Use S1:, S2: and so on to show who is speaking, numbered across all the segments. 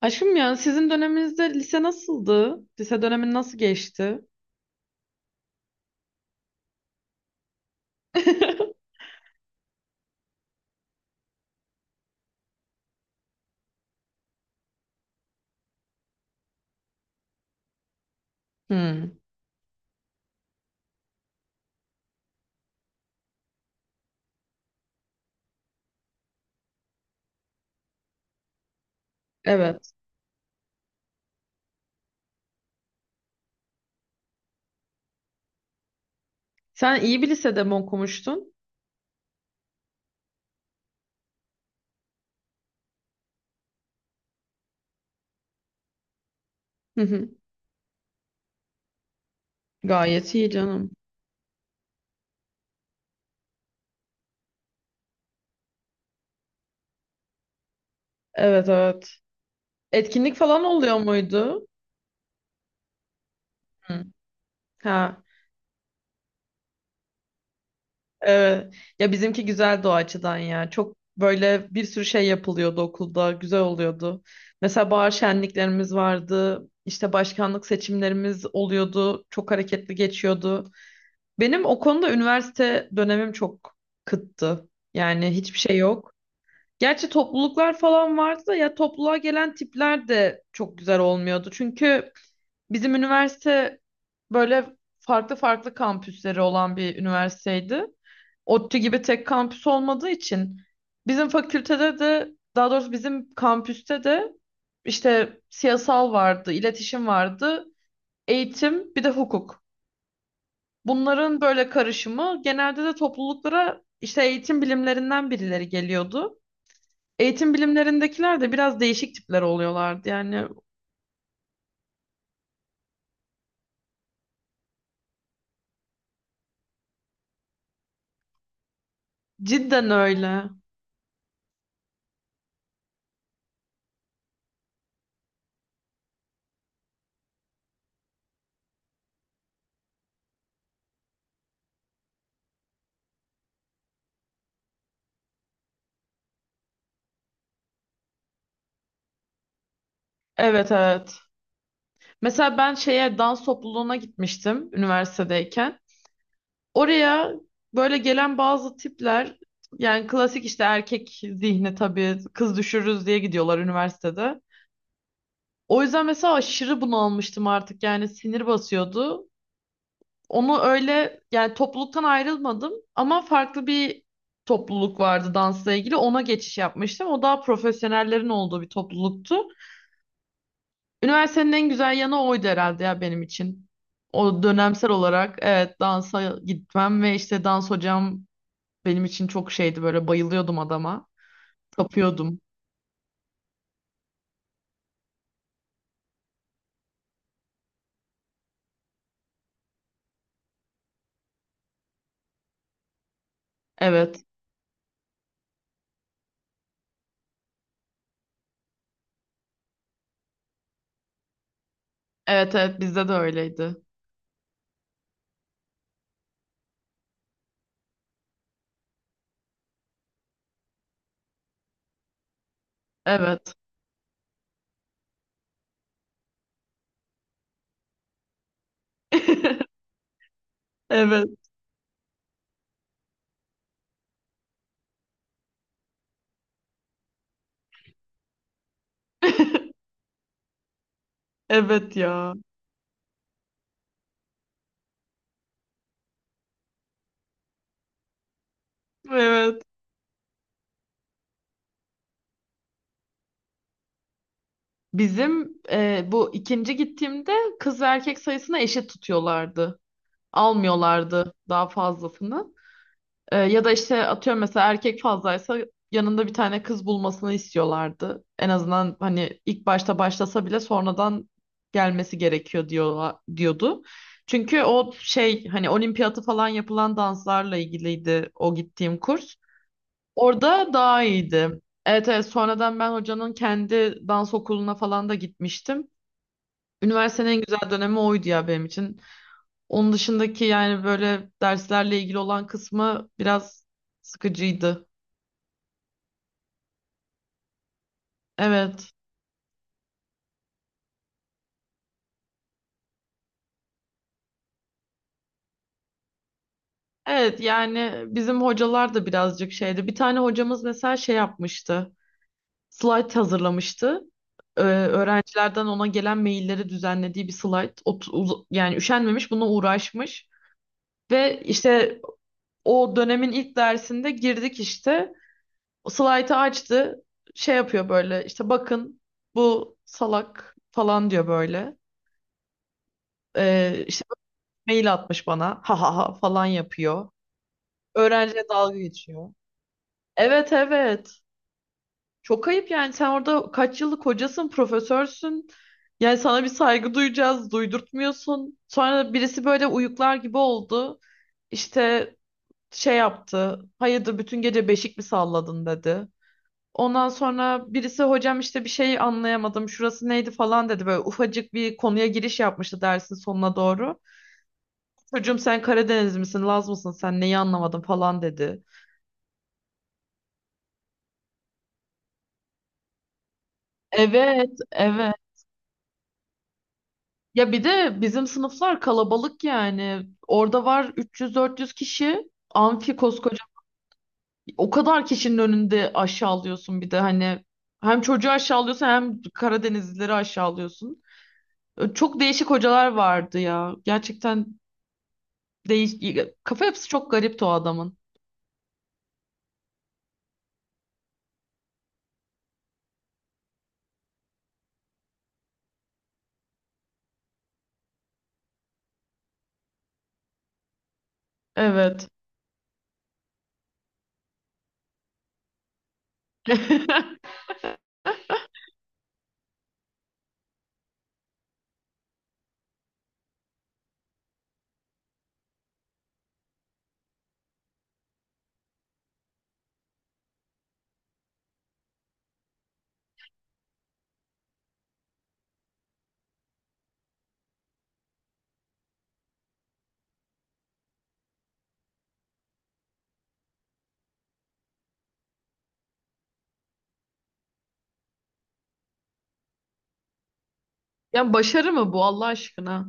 S1: Aşkım ya sizin döneminizde lise nasıldı? Lise dönemin nasıl geçti? Hmm, evet. Sen iyi bir lisede mi okumuştun? Hı hı. Gayet iyi canım. Evet evet. Etkinlik falan oluyor muydu? Hı. Ha, evet. Ya bizimki güzeldi o açıdan ya. Çok böyle bir sürü şey yapılıyordu okulda. Güzel oluyordu. Mesela bahar şenliklerimiz vardı. İşte başkanlık seçimlerimiz oluyordu. Çok hareketli geçiyordu. Benim o konuda üniversite dönemim çok kıttı. Yani hiçbir şey yok. Gerçi topluluklar falan vardı da ya topluluğa gelen tipler de çok güzel olmuyordu. Çünkü bizim üniversite böyle farklı farklı kampüsleri olan bir üniversiteydi. ODTÜ gibi tek kampüs olmadığı için bizim fakültede de, daha doğrusu bizim kampüste de işte siyasal vardı, iletişim vardı, eğitim, bir de hukuk. Bunların böyle karışımı, genelde de topluluklara işte eğitim bilimlerinden birileri geliyordu. Eğitim bilimlerindekiler de biraz değişik tipler oluyorlardı. Yani cidden öyle. Evet evet. Mesela ben şeye, dans topluluğuna gitmiştim üniversitedeyken. Oraya böyle gelen bazı tipler, yani klasik işte erkek zihni, tabii kız düşürürüz diye gidiyorlar üniversitede. O yüzden mesela aşırı bunalmıştım artık, yani sinir basıyordu. Onu öyle, yani topluluktan ayrılmadım ama farklı bir topluluk vardı dansla ilgili. Ona geçiş yapmıştım. O daha profesyonellerin olduğu bir topluluktu. Üniversitenin en güzel yanı oydu herhalde ya, benim için. O dönemsel olarak evet, dansa gitmem ve işte dans hocam benim için çok şeydi, böyle bayılıyordum adama. Tapıyordum. Evet. Evet evet, bizde de öyleydi. Evet. Evet. Evet ya. Evet. Bizim bu ikinci gittiğimde kız ve erkek sayısını eşit tutuyorlardı. Almıyorlardı daha fazlasını. Ya da işte, atıyorum mesela erkek fazlaysa yanında bir tane kız bulmasını istiyorlardı. En azından hani ilk başta başlasa bile sonradan gelmesi gerekiyor, diyordu. Çünkü o şey, hani olimpiyatı falan yapılan danslarla ilgiliydi o gittiğim kurs. Orada daha iyiydi. Evet, evet, sonradan ben hocanın kendi dans okuluna falan da gitmiştim. Üniversitenin en güzel dönemi oydu ya, benim için. Onun dışındaki, yani böyle derslerle ilgili olan kısmı biraz sıkıcıydı. Evet. Evet, yani bizim hocalar da birazcık şeydi. Bir tane hocamız mesela şey yapmıştı. Slide hazırlamıştı. Öğrencilerden ona gelen mailleri düzenlediği bir slide. Yani üşenmemiş, buna uğraşmış. Ve işte o dönemin ilk dersinde girdik işte. Slide'ı açtı. Şey yapıyor böyle, işte bakın bu salak falan diyor böyle. İşte mail atmış bana, ha ha ha falan yapıyor. Öğrenciye dalga geçiyor. Evet evet. Çok ayıp yani, sen orada kaç yıllık hocasın, profesörsün. Yani sana bir saygı duyacağız, duydurtmuyorsun. Sonra birisi böyle uyuklar gibi oldu. İşte şey yaptı, hayırdır bütün gece beşik mi salladın dedi. Ondan sonra birisi, hocam işte bir şey anlayamadım, şurası neydi falan dedi. Böyle ufacık bir konuya giriş yapmıştı dersin sonuna doğru. Çocuğum sen Karadeniz misin, Laz mısın, sen neyi anlamadın falan dedi. Evet, evet. Ya bir de bizim sınıflar kalabalık yani. Orada var 300-400 kişi. Amfi koskoca. O kadar kişinin önünde aşağılıyorsun bir de hani. Hem çocuğu aşağılıyorsun, hem Karadenizlileri aşağılıyorsun. Çok değişik hocalar vardı ya. Gerçekten Değiş kafa yapısı çok garipti o adamın. Evet. Yani başarı mı bu, Allah aşkına?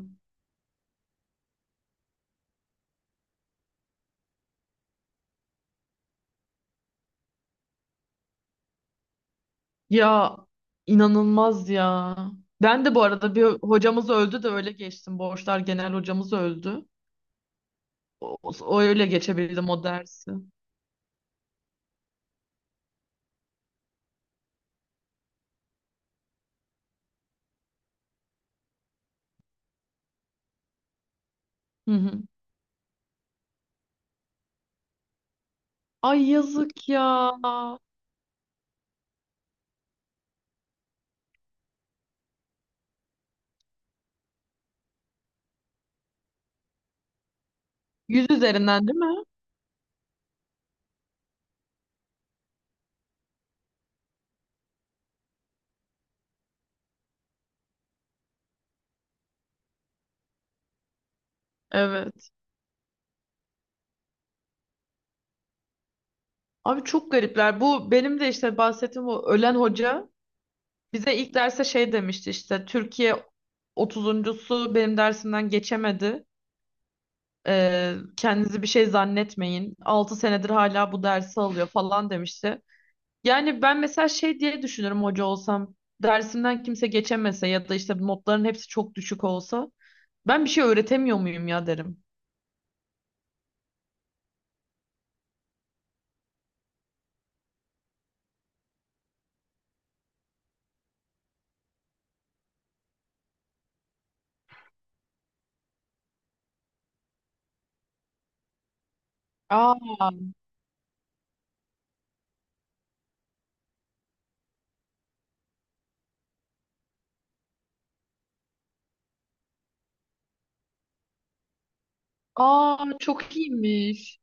S1: Ya inanılmaz ya. Ben de bu arada, bir hocamız öldü de öyle geçtim. Borçlar genel hocamız öldü. O öyle geçebildim o dersi. Hı hı. Ay yazık ya. Yüz üzerinden değil mi? Evet. Abi çok garipler. Bu benim de işte bahsettiğim o ölen hoca bize ilk derse şey demişti, işte Türkiye 30'uncusu benim dersimden geçemedi. Kendinizi bir şey zannetmeyin, 6 senedir hala bu dersi alıyor falan demişti. Yani ben mesela şey diye düşünürüm hoca olsam. Dersimden kimse geçemese ya da işte notların hepsi çok düşük olsa, ben bir şey öğretemiyor muyum ya derim. Aa, aa çok iyiymiş.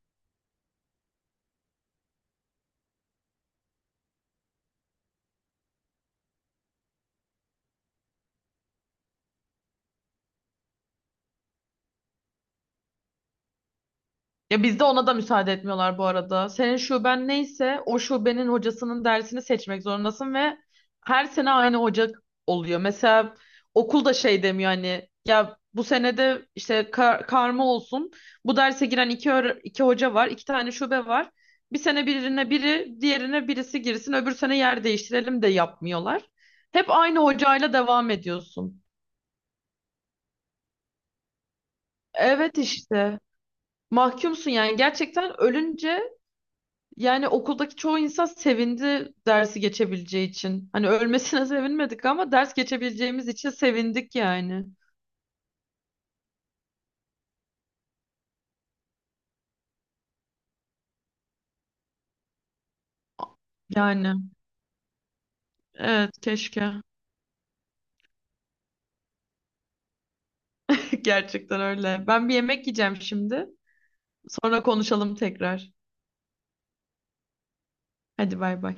S1: Ya bizde ona da müsaade etmiyorlar bu arada. Senin şuben neyse o şubenin hocasının dersini seçmek zorundasın ve her sene aynı hoca oluyor. Mesela okul da şey demiyor, hani ya bu senede işte karma olsun. Bu derse giren iki, iki hoca var, iki tane şube var. Bir sene birine biri, diğerine birisi girsin, öbür sene yer değiştirelim, de yapmıyorlar. Hep aynı hocayla devam ediyorsun. Evet işte. Mahkumsun yani, gerçekten ölünce. Yani okuldaki çoğu insan sevindi dersi geçebileceği için. Hani ölmesine sevinmedik ama ders geçebileceğimiz için sevindik yani. Yani evet, keşke. Gerçekten öyle. Ben bir yemek yiyeceğim şimdi. Sonra konuşalım tekrar. Hadi bay bay.